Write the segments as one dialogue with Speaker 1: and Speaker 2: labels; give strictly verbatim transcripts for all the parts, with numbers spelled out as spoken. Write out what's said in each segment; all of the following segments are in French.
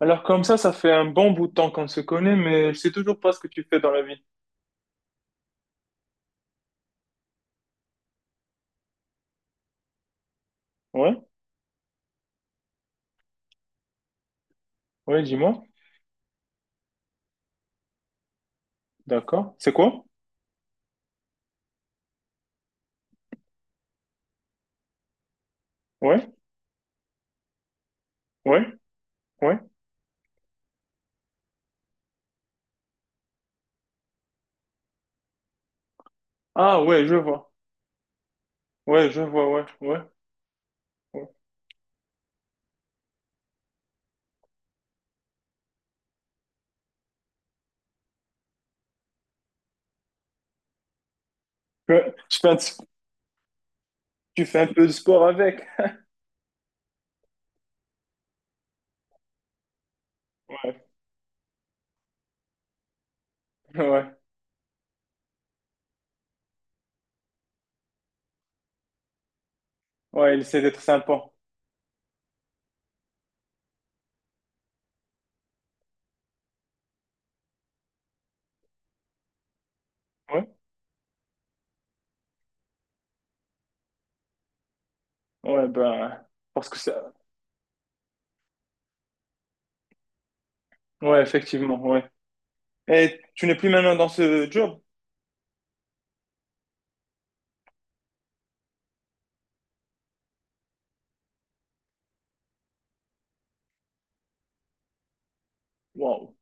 Speaker 1: Alors comme ça, ça fait un bon bout de temps qu'on se connaît, mais je sais toujours pas ce que tu fais dans la vie. Ouais, ouais, dis-moi. D'accord. C'est quoi? Ouais, ouais, ouais. Ah ouais, je vois. Ouais, je vois, ouais, ouais, ouais. Ouais, Tu fais un, petit- tu fais un peu de sport avec. Ouais, ouais, ouais, il essaie d'être sympa. Ouais, ouais, ben, parce que ça. Ouais, effectivement, ouais. Et tu n'es plus maintenant dans ce job? Wow.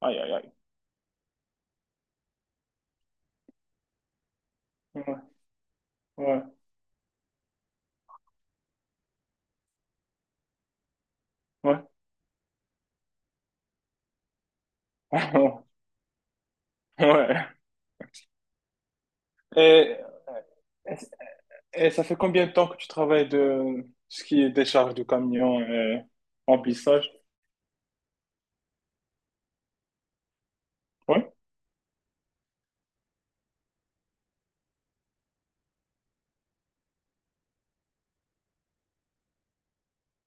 Speaker 1: Aïe, aïe, aïe. Ouais, ouais, ouais. Ouais. Et... Et ça fait combien de temps que tu travailles de ce qui est décharge de camion et remplissage? Oui,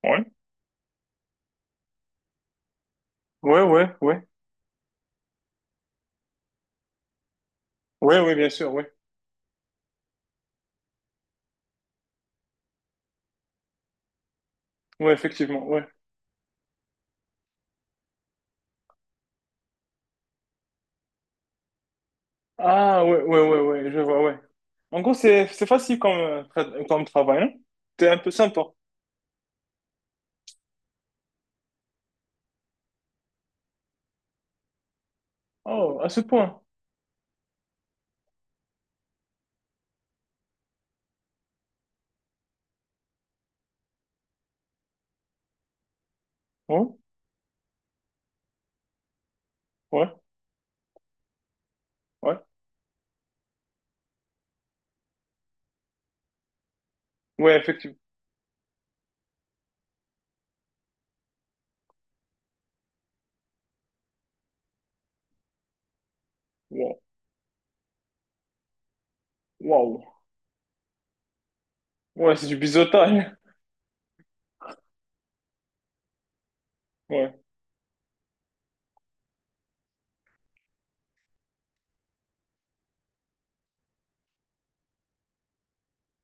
Speaker 1: oui, oui, oui, oui, oui, oui, bien sûr, oui, oui, effectivement, oui. Ah, oui, oui, oui, oui, je vois, oui. En gros, c'est c'est facile comme, euh, tra- comme travail, hein? T'es un peu sympa. Oh, à ce point. Oui, oui, oui, oui, effectivement. Wow, wow. Ouais, c'est du biseautage. Ouais,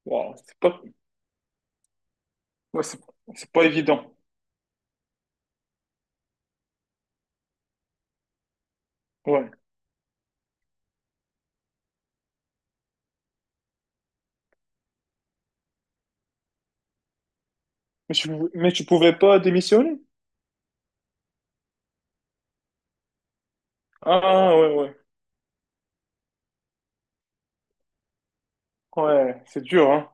Speaker 1: wow, c'est pas, ouais, c'est c'est pas évident. Ouais. Mais tu, mais tu pouvais pas démissionner? Ah, ouais, ouais. Ouais, c'est dur, hein.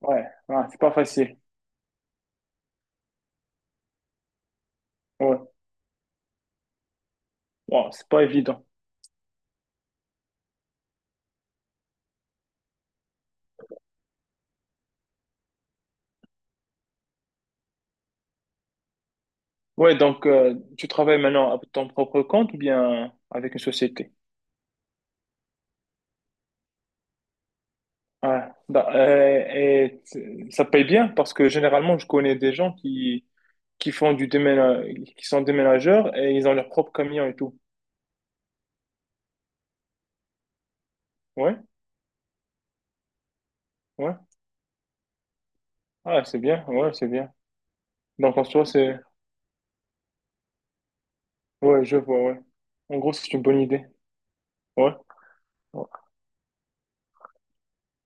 Speaker 1: Ouais, ouais, c'est pas facile. Ouais, Ouais, c'est pas évident. Ouais, donc euh, tu travailles maintenant à ton propre compte ou bien avec une société? Ouais. Da- euh, et t- ça paye bien parce que généralement, je connais des gens qui, qui font du déména- qui sont déménageurs et ils ont leur propre camion et tout. Ouais, ouais. Ah, c'est bien, ouais, c'est bien. Donc en soi, c'est. Ouais, je vois, ouais. En gros, c'est une bonne idée. Ouais.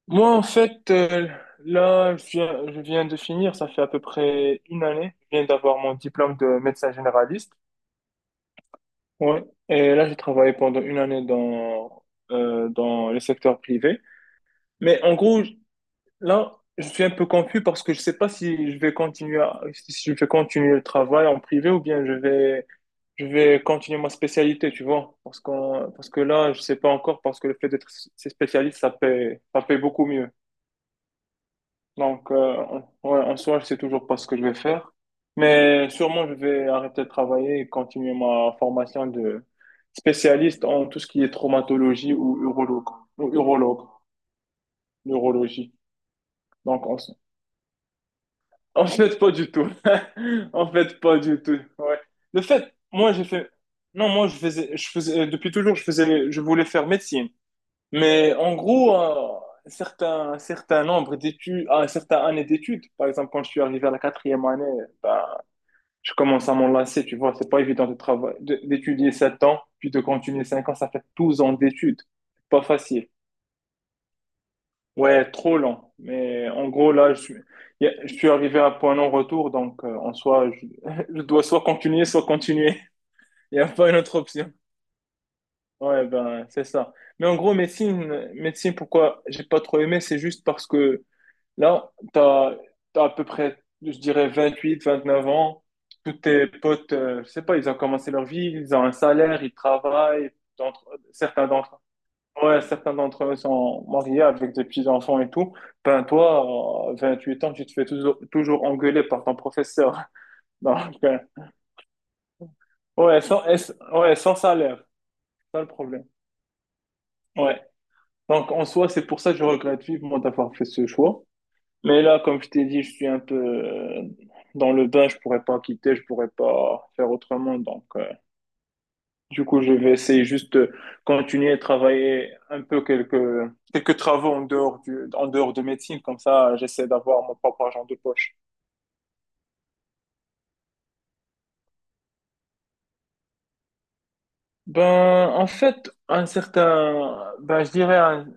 Speaker 1: Moi, en fait, euh, là, je viens, je viens de finir, ça fait à peu près une année, je viens d'avoir mon diplôme de médecin généraliste. Ouais. Et là, j'ai travaillé pendant une année dans, euh, dans le secteur privé. Mais en gros, je- là, je suis un peu confus parce que je sais pas si je vais continuer, à- si je vais continuer le travail en privé ou bien je vais, je vais continuer ma spécialité, tu vois. Parce qu'on, parce que là, je sais pas encore parce que le fait d'être spécialiste, ça paye ça paye beaucoup mieux. Donc, euh, en ouais, en soi, je sais toujours pas ce que je vais faire. Mais sûrement, je vais arrêter de travailler et continuer ma formation de spécialiste en tout ce qui est traumatologie ou urologue. Ou urologue, neurologie. Donc, en, en fait, pas du tout. En fait, pas du tout. Ouais. Le fait, moi, j'ai fait. Non, moi, je faisais, je faisais, euh, depuis toujours, je faisais, je voulais faire médecine. Mais en gros, euh, un certain, un certain nombre d'études, un certain année d'études, par exemple, quand je suis arrivé à la quatrième année, ben, je commence à m'enlacer, tu vois, c'est pas évident de travailler, de- d'étudier sept ans, puis de continuer cinq ans, ça fait douze ans d'études. C'est Pas facile. Ouais, trop lent. Mais en gros, là, je suis, y a- je suis arrivé à un point non-retour, donc euh, en soi, je, je dois soit continuer, soit continuer. Il n'y a pas une autre option. Ouais, ben, c'est ça. Mais en gros, médecine, médecine, pourquoi j'ai pas trop aimé, c'est juste parce que Là, tu as, à peu près, je dirais, vingt-huit vingt-neuf ans. Tous tes potes, euh, je sais pas, ils ont commencé leur vie, ils ont un salaire, ils travaillent. D'entre- certains d'entre ouais, certains d'entre eux sont mariés avec des petits-enfants et tout. Ben, toi, à huit ans, tu te fais toujours, toujours engueuler par ton professeur. Donc, euh, Ouais, sans, et- ouais, sans salaire, c'est ça le problème. Ouais. Donc en soi, c'est pour ça que je regrette vivement d'avoir fait ce choix. Mais là, comme je t'ai dit, je suis un peu euh, dans le bain, je pourrais pas quitter, je pourrais pas faire autrement. Donc, euh, du coup, je vais essayer juste de continuer à travailler un peu quelques, quelques travaux en dehors du, en dehors de médecine. Comme ça, j'essaie d'avoir mon propre argent de poche. Ben, en fait, un certain, ben, je dirais un-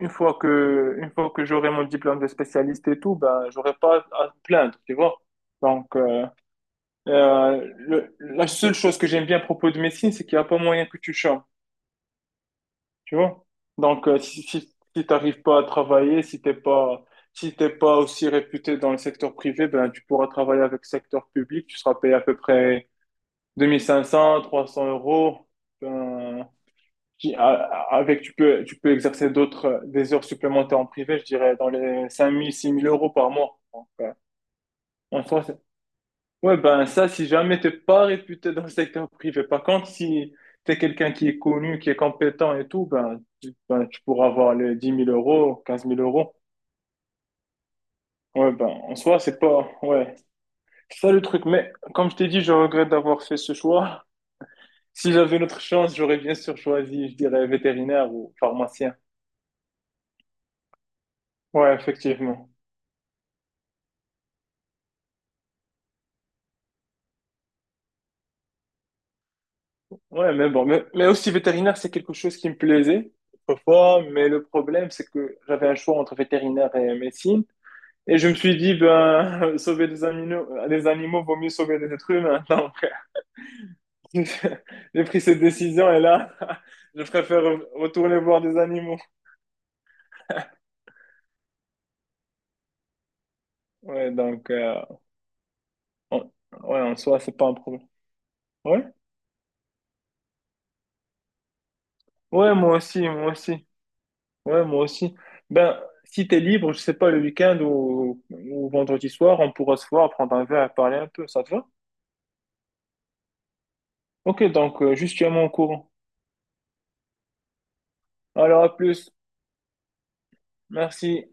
Speaker 1: une fois que, une fois que j'aurai mon diplôme de spécialiste et tout, ben, j'aurai pas à me plaindre, tu vois. Donc, euh, Euh, le- la seule chose que j'aime bien à propos de médecine, c'est qu'il n'y a pas moyen que tu changes, tu vois. Donc, euh, si, si, si t'arrives pas à travailler, si t'es pas, si t'es pas aussi réputé dans le secteur privé, ben, tu pourras travailler avec le secteur public, tu seras payé à peu près deux mille cinq cents, trois cents euros. Ben, qui- a- a- avec, tu peux, tu peux exercer d'autres, euh, des heures supplémentaires en privé, je dirais, dans les cinq mille, six mille euros par mois. Donc, euh, en soi. Ouais, ben ça, si jamais t'es pas réputé dans le secteur privé. Par contre, si t'es quelqu'un qui est connu, qui est compétent et tout, ben tu, ben, tu pourras avoir les dix mille euros, quinze mille euros. Ouais, ben en soi, c'est pas. Ouais, c'est ça le truc. Mais comme je t'ai dit, je regrette d'avoir fait ce choix. Si j'avais une autre chance, j'aurais bien sûr choisi, je dirais, vétérinaire ou pharmacien. Ouais, effectivement. Ouais, mais bon, mais, mais aussi vétérinaire, c'est quelque chose qui me plaisait autrefois, mais le problème, c'est que j'avais un choix entre vétérinaire et médecine. Et je me suis dit, ben, sauver des animaux, des animaux, vaut mieux sauver des êtres humains. Donc, j'ai pris cette décision et là, je préfère retourner voir des animaux. Ouais, donc, euh, en- ouais, en soi, c'est pas un problème. Ouais, ouais, moi aussi, moi aussi. Ouais, moi aussi. Ben, si t'es libre, je sais pas, le week-end ou, ou vendredi soir, on pourra se voir, prendre un verre, parler un peu, ça te va? Ok, donc, euh, juste tiens-moi au courant. Alors, à plus. Merci.